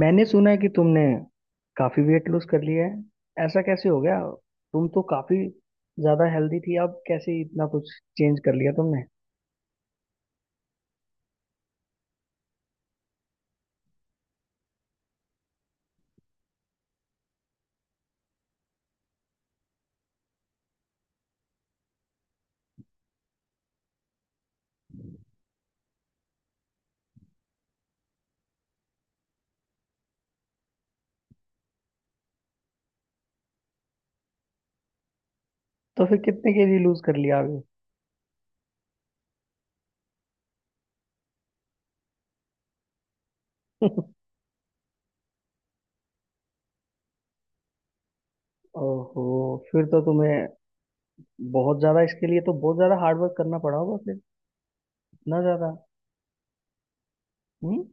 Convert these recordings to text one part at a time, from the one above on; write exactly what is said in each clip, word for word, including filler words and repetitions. मैंने सुना है कि तुमने काफी वेट लूज कर लिया है। ऐसा कैसे हो गया? तुम तो काफी ज्यादा हेल्दी थी, अब कैसे इतना कुछ चेंज कर लिया तुमने? तो फिर कितने केजी लूज कर लिया अभी? ओहो। फिर तो तुम्हें बहुत ज्यादा, इसके लिए तो बहुत ज्यादा हार्ड वर्क करना पड़ा होगा फिर, इतना ज्यादा। हम्म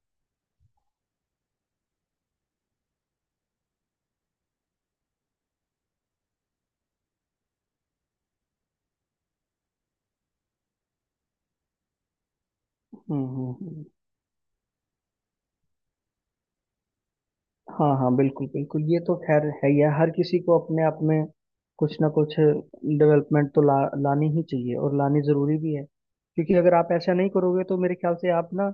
हम्म हम्म, हम्म। हाँ हाँ, बिल्कुल बिल्कुल। ये तो खैर है ही है, हर किसी को अपने आप में कुछ ना कुछ डेवलपमेंट तो ला लानी ही चाहिए और लानी जरूरी भी है। क्योंकि अगर आप ऐसा नहीं करोगे तो मेरे ख्याल से आप ना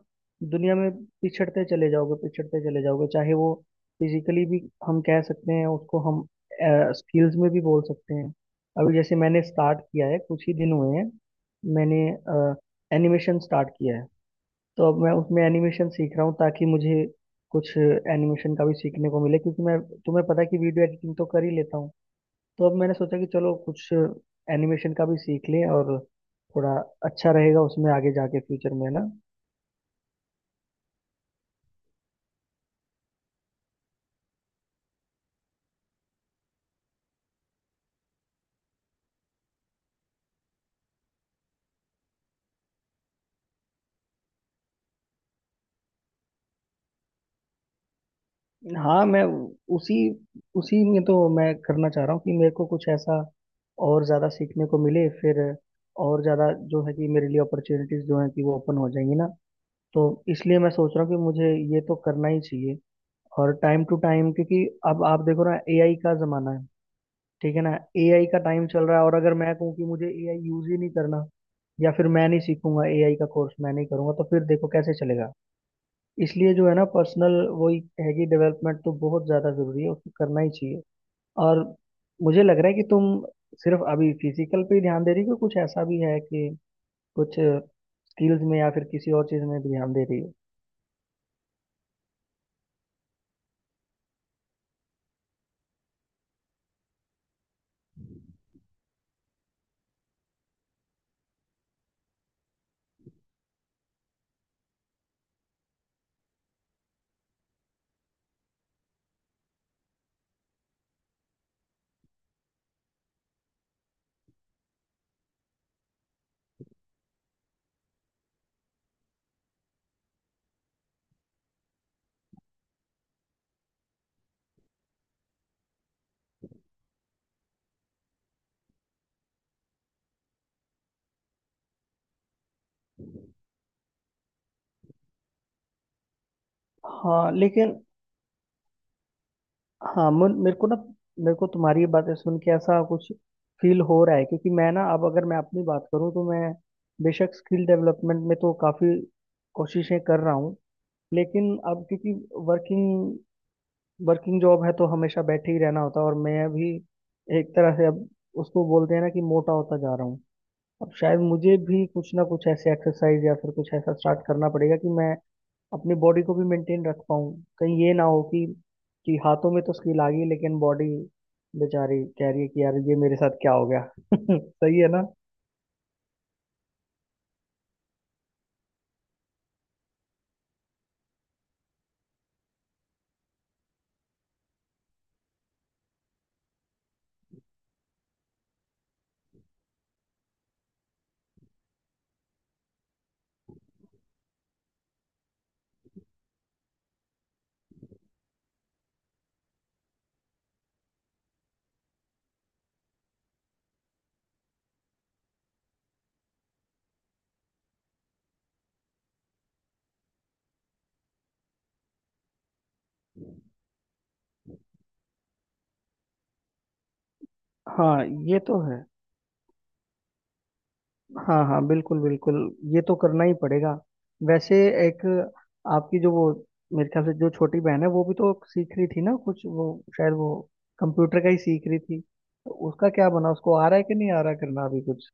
दुनिया में पिछड़ते चले जाओगे, पिछड़ते चले जाओगे। चाहे वो फिजिकली भी हम कह सकते हैं उसको, हम स्किल्स में भी बोल सकते हैं। अभी जैसे मैंने स्टार्ट किया है, कुछ ही दिन हुए हैं, मैंने एनिमेशन स्टार्ट किया है। तो अब मैं उसमें एनिमेशन सीख रहा हूँ ताकि मुझे कुछ एनिमेशन का भी सीखने को मिले, क्योंकि मैं, तुम्हें पता है कि वीडियो एडिटिंग तो कर ही लेता हूँ। तो अब मैंने सोचा कि चलो कुछ एनिमेशन का भी सीख लें, और थोड़ा अच्छा रहेगा उसमें आगे जाके फ्यूचर में, है ना। हाँ, मैं उसी उसी में तो मैं करना चाह रहा हूँ कि मेरे को कुछ ऐसा और ज़्यादा सीखने को मिले, फिर और ज़्यादा जो है कि मेरे लिए अपॉर्चुनिटीज़ जो हैं कि वो ओपन हो जाएंगी ना। तो इसलिए मैं सोच रहा हूँ कि मुझे ये तो करना ही चाहिए, और टाइम टू टाइम, क्योंकि अब आप देखो ना, ए आई का जमाना है, ठीक है ना। एआई का टाइम चल रहा है, और अगर मैं कहूँ कि मुझे ए आई यूज ही नहीं करना या फिर मैं नहीं सीखूंगा, ए आई का कोर्स मैं नहीं करूंगा, तो फिर देखो कैसे चलेगा। इसलिए जो है ना पर्सनल, वही है कि डेवलपमेंट तो बहुत ज्यादा जरूरी है, उसको करना ही चाहिए। और मुझे लग रहा है कि तुम सिर्फ अभी फिजिकल पे ही ध्यान दे रही हो, कि कुछ ऐसा भी है कि कुछ स्किल्स में या फिर किसी और चीज में भी ध्यान दे रही हो। हाँ लेकिन, हाँ मुन, मेरे को ना मेरे को तुम्हारी ये बातें सुन के ऐसा कुछ फील हो रहा है, क्योंकि मैं ना, अब अगर मैं अपनी बात करूँ तो मैं बेशक स्किल डेवलपमेंट में तो काफ़ी कोशिशें कर रहा हूँ, लेकिन अब क्योंकि वर्किंग वर्किंग जॉब है तो हमेशा बैठे ही रहना होता है, और मैं भी एक तरह से अब, उसको बोलते हैं ना कि मोटा होता जा रहा हूँ। अब शायद मुझे भी कुछ ना कुछ ऐसे एक्सरसाइज या फिर कुछ ऐसा स्टार्ट करना पड़ेगा कि मैं अपनी बॉडी को भी मेंटेन रख पाऊँ। कहीं ये ना हो कि कि हाथों में तो स्किल आ गई लेकिन बॉडी बेचारी कह रही है कि यार ये मेरे साथ क्या हो गया। सही है ना। हाँ ये तो है। हाँ हाँ, बिल्कुल बिल्कुल, ये तो करना ही पड़ेगा। वैसे एक आपकी जो वो, मेरे ख्याल से जो छोटी बहन है, वो भी तो सीख रही थी ना कुछ, वो शायद वो कंप्यूटर का ही सीख रही थी। तो उसका क्या बना, उसको आ रहा है कि नहीं आ रहा, करना अभी कुछ।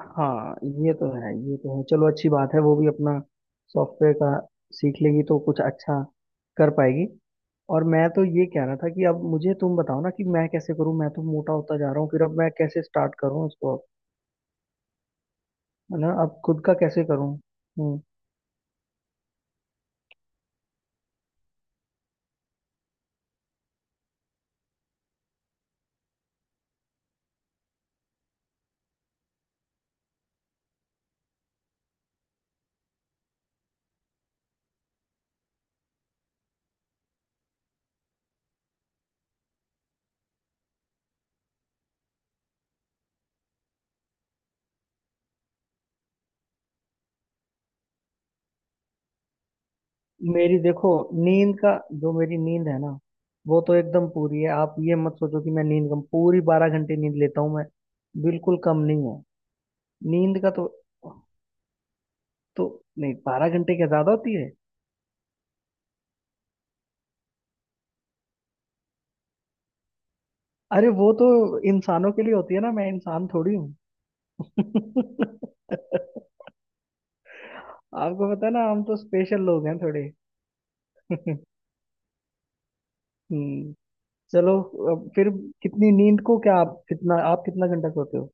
हाँ ये तो है, ये तो है। चलो अच्छी बात है, वो भी अपना सॉफ्टवेयर का सीख लेगी तो कुछ अच्छा कर पाएगी। और मैं तो ये कह रहा था कि अब मुझे तुम बताओ ना कि मैं कैसे करूँ, मैं तो मोटा होता जा रहा हूँ फिर। अब मैं कैसे स्टार्ट करूँ इसको अब, है ना, अब खुद का कैसे करूँ। हम्म। मेरी देखो नींद का, जो मेरी नींद है ना वो तो एकदम पूरी है। आप ये मत सोचो कि मैं नींद कम, पूरी बारह घंटे नींद लेता हूँ मैं, बिल्कुल कम नहीं है। नींद का तो तो नहीं बारह घंटे क्या ज्यादा होती है? अरे वो तो इंसानों के लिए होती है ना, मैं इंसान थोड़ी हूँ। आपको पता है ना, हम तो स्पेशल लोग हैं थोड़े। हम्म। चलो, अब फिर कितनी नींद को, क्या आप कितना, आप कितना घंटा सोते हो?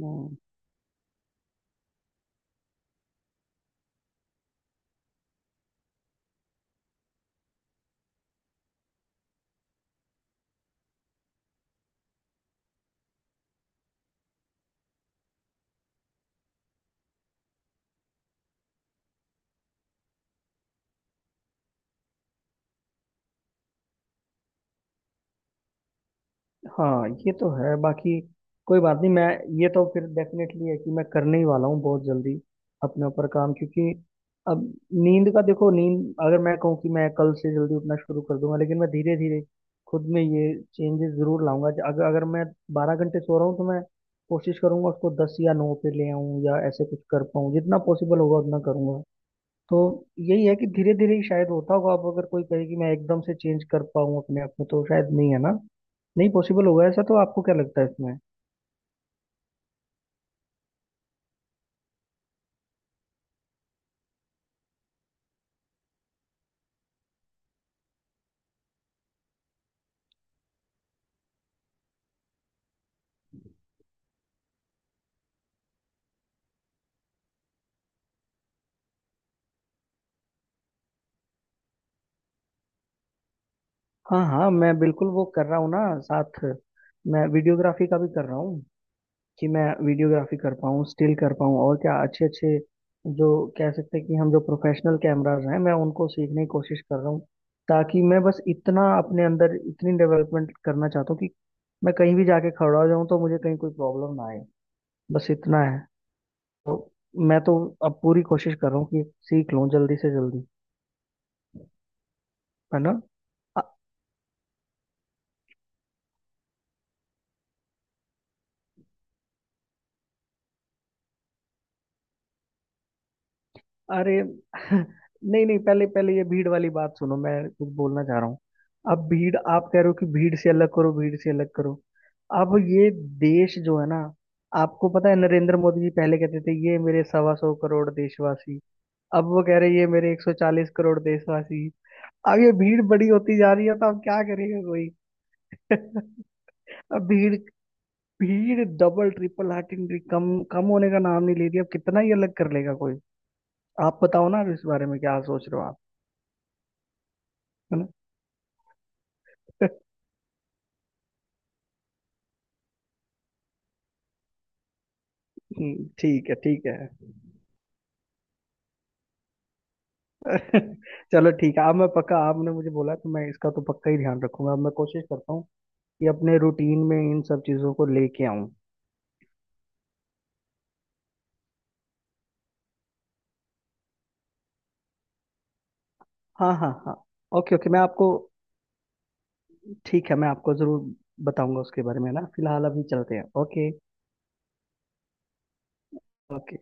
हम्म। हाँ ये तो है, बाकी कोई बात नहीं मैं, ये तो फिर डेफिनेटली है कि मैं करने ही वाला हूँ बहुत जल्दी अपने ऊपर काम, क्योंकि अब, नींद का देखो। नींद, अगर मैं कहूँ कि मैं कल से जल्दी उठना शुरू कर दूंगा, लेकिन मैं धीरे धीरे खुद में ये चेंजेस जरूर लाऊंगा। अगर अगर मैं बारह घंटे सो रहा हूँ तो मैं कोशिश करूंगा उसको दस या नौ पे ले आऊँ, या ऐसे कुछ कर पाऊँ, जितना पॉसिबल होगा उतना करूंगा। तो यही है कि धीरे धीरे ही शायद होता होगा। अब अगर कोई कहे कि मैं एकदम से चेंज कर पाऊँ अपने आप में तो शायद नहीं, है ना, नहीं पॉसिबल होगा ऐसा। तो आपको क्या लगता है इसमें? हाँ हाँ, मैं बिल्कुल वो कर रहा हूँ ना। साथ मैं वीडियोग्राफी का भी कर रहा हूँ कि मैं वीडियोग्राफी कर पाऊँ, स्टिल कर पाऊँ, और क्या अच्छे अच्छे जो कह सकते हैं कि हम, जो प्रोफेशनल कैमराज हैं, मैं उनको सीखने की कोशिश कर रहा हूँ। ताकि मैं बस इतना अपने अंदर इतनी डेवलपमेंट करना चाहता हूँ कि मैं कहीं भी जाके खड़ा हो जाऊँ तो मुझे कहीं कोई प्रॉब्लम ना आए, बस इतना है। तो मैं तो अब पूरी कोशिश कर रहा हूँ कि सीख लूँ जल्दी से जल्दी, है ना। अरे नहीं नहीं, पहले पहले ये भीड़ वाली बात सुनो, मैं कुछ बोलना चाह रहा हूँ। अब भीड़, आप कह रहे हो कि भीड़ से अलग करो, भीड़ से अलग करो। अब ये देश जो है ना, आपको पता है नरेंद्र मोदी जी पहले कहते थे, ये मेरे सवा सौ करोड़ देशवासी। अब वो कह रहे हैं, ये मेरे एक सौ चालीस करोड़ देशवासी। अब ये भीड़ बड़ी होती जा रही है, तो अब क्या करेगा कोई। अब भीड़ भीड़ डबल ट्रिपल हार्टिंग कम कम होने का नाम नहीं ले रही। अब कितना ही अलग कर लेगा कोई। आप बताओ ना इस बारे में क्या सोच रहे हो आप, है ना। हम्म, ठीक है ठीक है। चलो ठीक है, अब मैं पक्का, आपने मुझे बोला तो मैं इसका तो पक्का ही ध्यान रखूंगा, अब मैं कोशिश करता हूँ कि अपने रूटीन में इन सब चीज़ों को लेके आऊँ। हाँ हाँ हाँ, ओके ओके, मैं आपको, ठीक है मैं आपको ज़रूर बताऊंगा उसके बारे में ना, फिलहाल अभी चलते हैं। ओके। ओके।